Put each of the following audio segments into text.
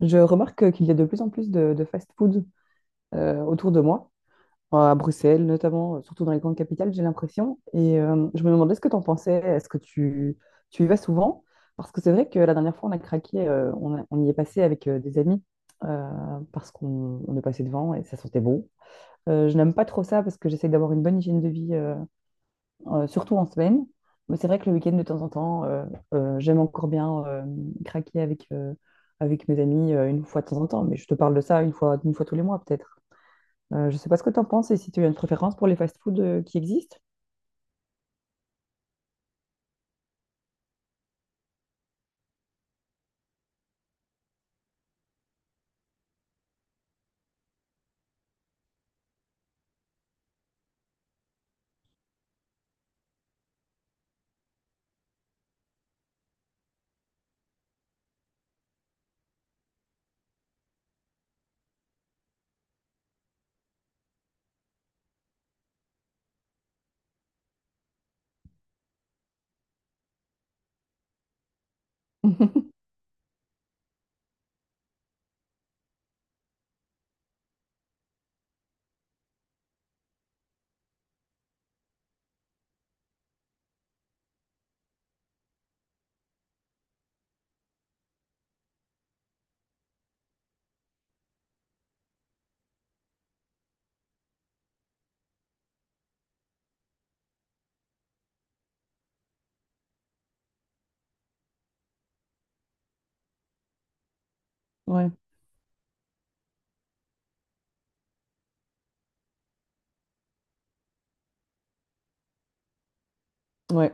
Je remarque qu'il y a de plus en plus de fast-food autour de moi, à Bruxelles notamment, surtout dans les grandes capitales, j'ai l'impression. Et je me demandais ce que tu en pensais, tu y vas souvent? Parce que c'est vrai que la dernière fois, on a craqué, on y est passé avec des amis parce qu'on on est passé devant et ça sentait bon. Je n'aime pas trop ça parce que j'essaie d'avoir une bonne hygiène de vie surtout en semaine. Mais c'est vrai que le week-end, de temps en temps, j'aime encore bien craquer avec mes amis une fois de temps en temps. Mais je te parle de ça une fois tous les mois, peut-être. Je sais pas ce que tu en penses et si tu as une préférence pour les fast-foods qui existent. Ouais, ouais,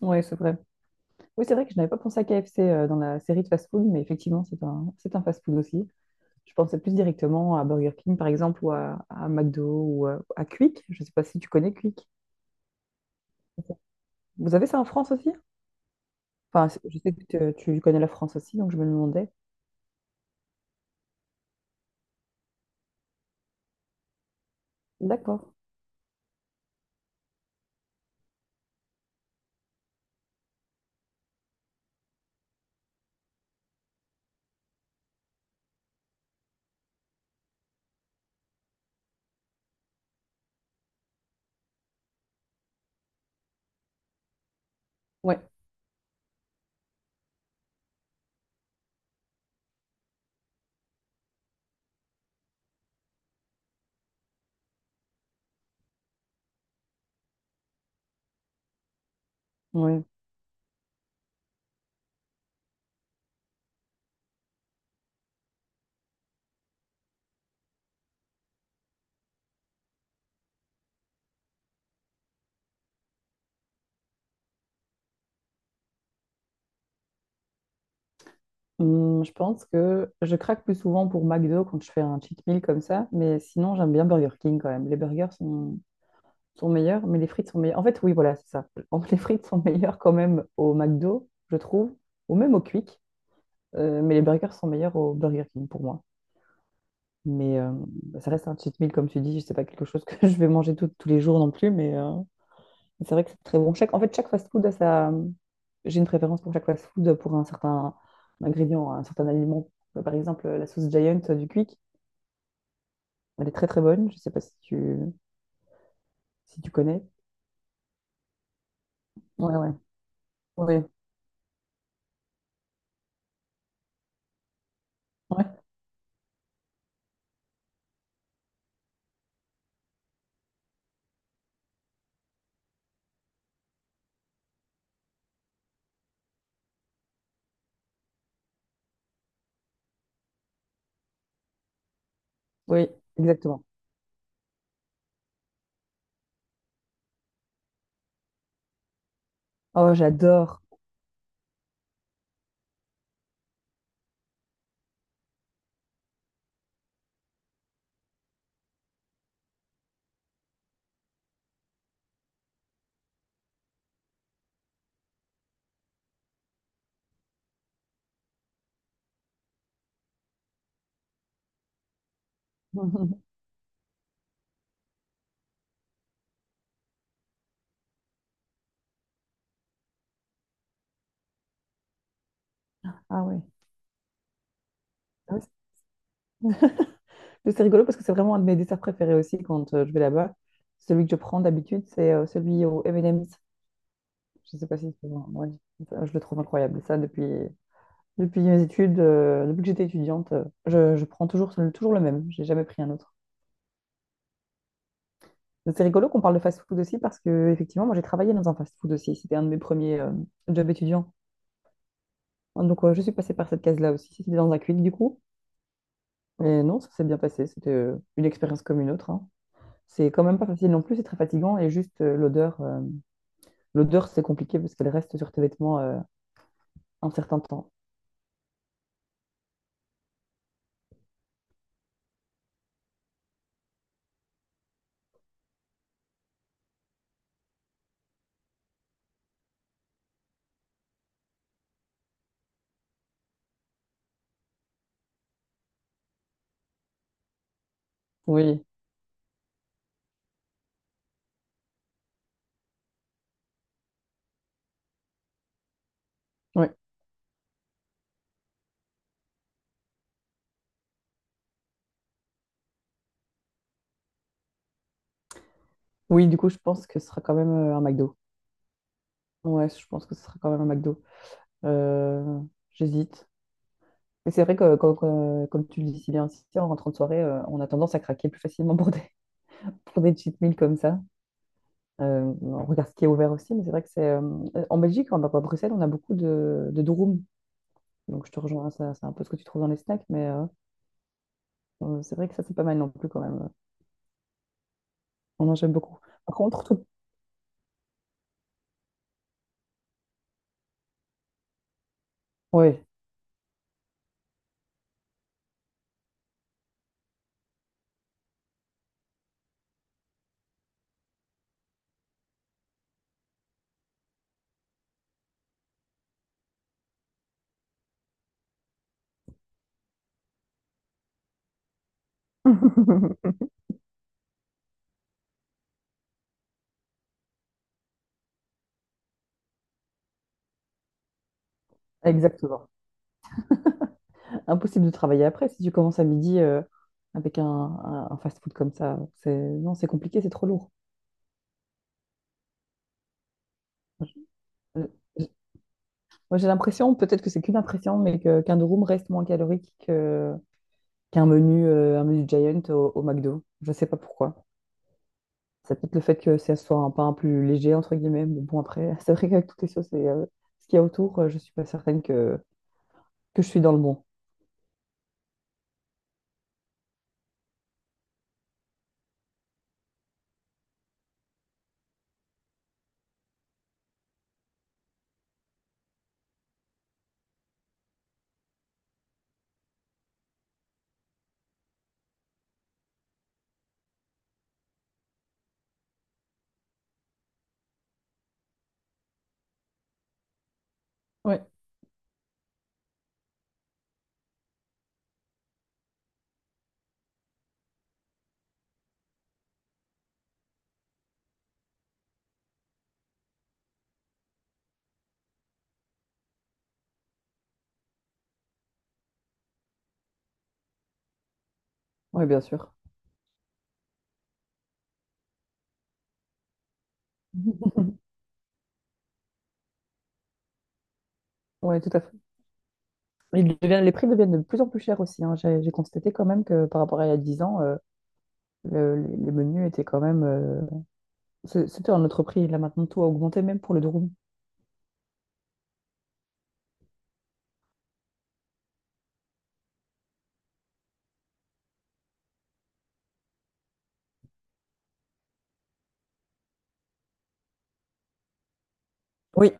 ouais, c'est vrai. Oui, c'est vrai que je n'avais pas pensé à KFC dans la série de fast-food, mais effectivement, c'est un fast-food aussi. Je pensais plus directement à Burger King, par exemple, ou à McDo, ou à Quick. Je ne sais pas si tu connais Quick. Vous avez ça en France aussi? Enfin, je sais que tu connais la France aussi, donc je me demandais. D'accord. Ouais, ouais. Je pense que je craque plus souvent pour McDo quand je fais un cheat meal comme ça, mais sinon j'aime bien Burger King quand même. Sont meilleurs, mais les frites sont meilleures. En fait, oui, voilà, c'est ça. En fait, les frites sont meilleures quand même au McDo, je trouve, ou même au Quick, mais les burgers sont meilleurs au Burger King pour moi. Mais euh, ça reste un cheat meal, comme tu dis, je sais pas quelque chose que je vais manger tous les jours non plus, c'est vrai que c'est très bon. Chaque fast-food a sa... J'ai une préférence pour chaque fast-food, pour un certain ingrédient, un certain aliment. Par exemple, la sauce Giant du Quick, elle est très très bonne. Je sais pas si tu, si tu connais. Ouais, ouais. Oui, ouais. Oui, exactement. Oh, j'adore. Ah ouais. Ah ouais. Mais c'est rigolo parce que c'est vraiment un de mes desserts préférés aussi quand je vais là-bas. Celui que je prends d'habitude, c'est celui au M&M's. Je sais pas si c'est... ouais, je le trouve incroyable. Ça, depuis... Depuis mes études, depuis que j'étais étudiante, je prends toujours le même. J'ai jamais pris un autre. Donc, c'est rigolo qu'on parle de fast-food aussi parce que effectivement, moi j'ai travaillé dans un fast-food aussi. C'était un de mes premiers jobs étudiants. Donc je suis passée par cette case-là aussi. C'était dans un Quick du coup. Mais non, ça s'est bien passé. C'était une expérience comme une autre, hein. C'est quand même pas facile non plus. C'est très fatigant et juste l'odeur. L'odeur c'est compliqué parce qu'elle reste sur tes vêtements un certain temps. Oui, oui. Oui, du coup, je pense que ce sera quand même un McDo. Ouais, je pense que ce sera quand même un McDo. Euh, J'hésite. Mais c'est vrai que, comme tu le dis si bien, si en rentrant de soirée, on a tendance à craquer plus facilement pour des, pour des cheat meals comme ça. On regarde ce qui est ouvert aussi, mais c'est vrai que c'est en Belgique, à Bruxelles, on a beaucoup de durum. Donc je te rejoins, ça, c'est un peu ce que tu trouves dans les snacks, c'est vrai que ça, c'est pas mal non plus quand même. On en j'aime beaucoup. Par contre, tout... Oui, exactement. Impossible de travailler après si tu commences à midi avec un fast-food comme ça. C'est... Non, c'est compliqué, c'est trop lourd. Euh, j- Moi, j'ai l'impression, peut-être que c'est qu'une impression, mais qu'un durum reste moins calorique qu'un un menu Giant au McDo. Je sais pas pourquoi. C'est peut-être le fait que ça soit un pain plus léger, entre guillemets. Mais bon, après, c'est vrai qu'avec toutes les sauces et ce qu'il y a autour, je suis pas certaine que je suis dans le bon. Ouais. Ouais bien sûr. Ouais tout à fait. Les prix deviennent de plus en plus chers aussi, hein. J'ai constaté quand même que par rapport à il y a 10 ans, les menus étaient quand même... C'était un autre prix. Là, maintenant, tout a augmenté, même pour le durum. Oui.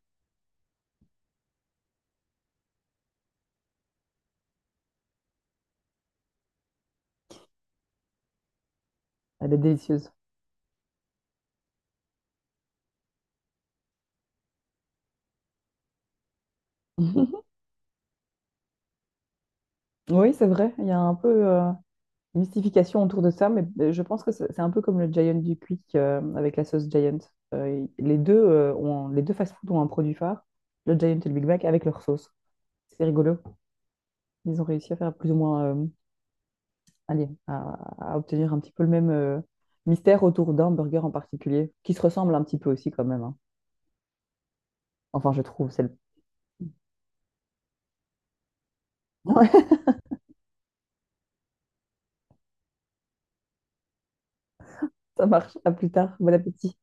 Elle est délicieuse. Oui, c'est vrai. Il y a un peu... mystification autour de ça, je pense que c'est un peu comme le Giant du Quick avec la sauce Giant. Les deux, les deux fast-food ont un produit phare, le Giant et le Big Mac, avec leur sauce. C'est rigolo. Ils ont réussi à faire plus ou moins, allez, à, à obtenir un petit peu le même mystère autour d'un burger en particulier, qui se ressemble un petit peu aussi quand même, hein. Enfin, je trouve, c'est le... Ça marche. À plus tard. Bon appétit.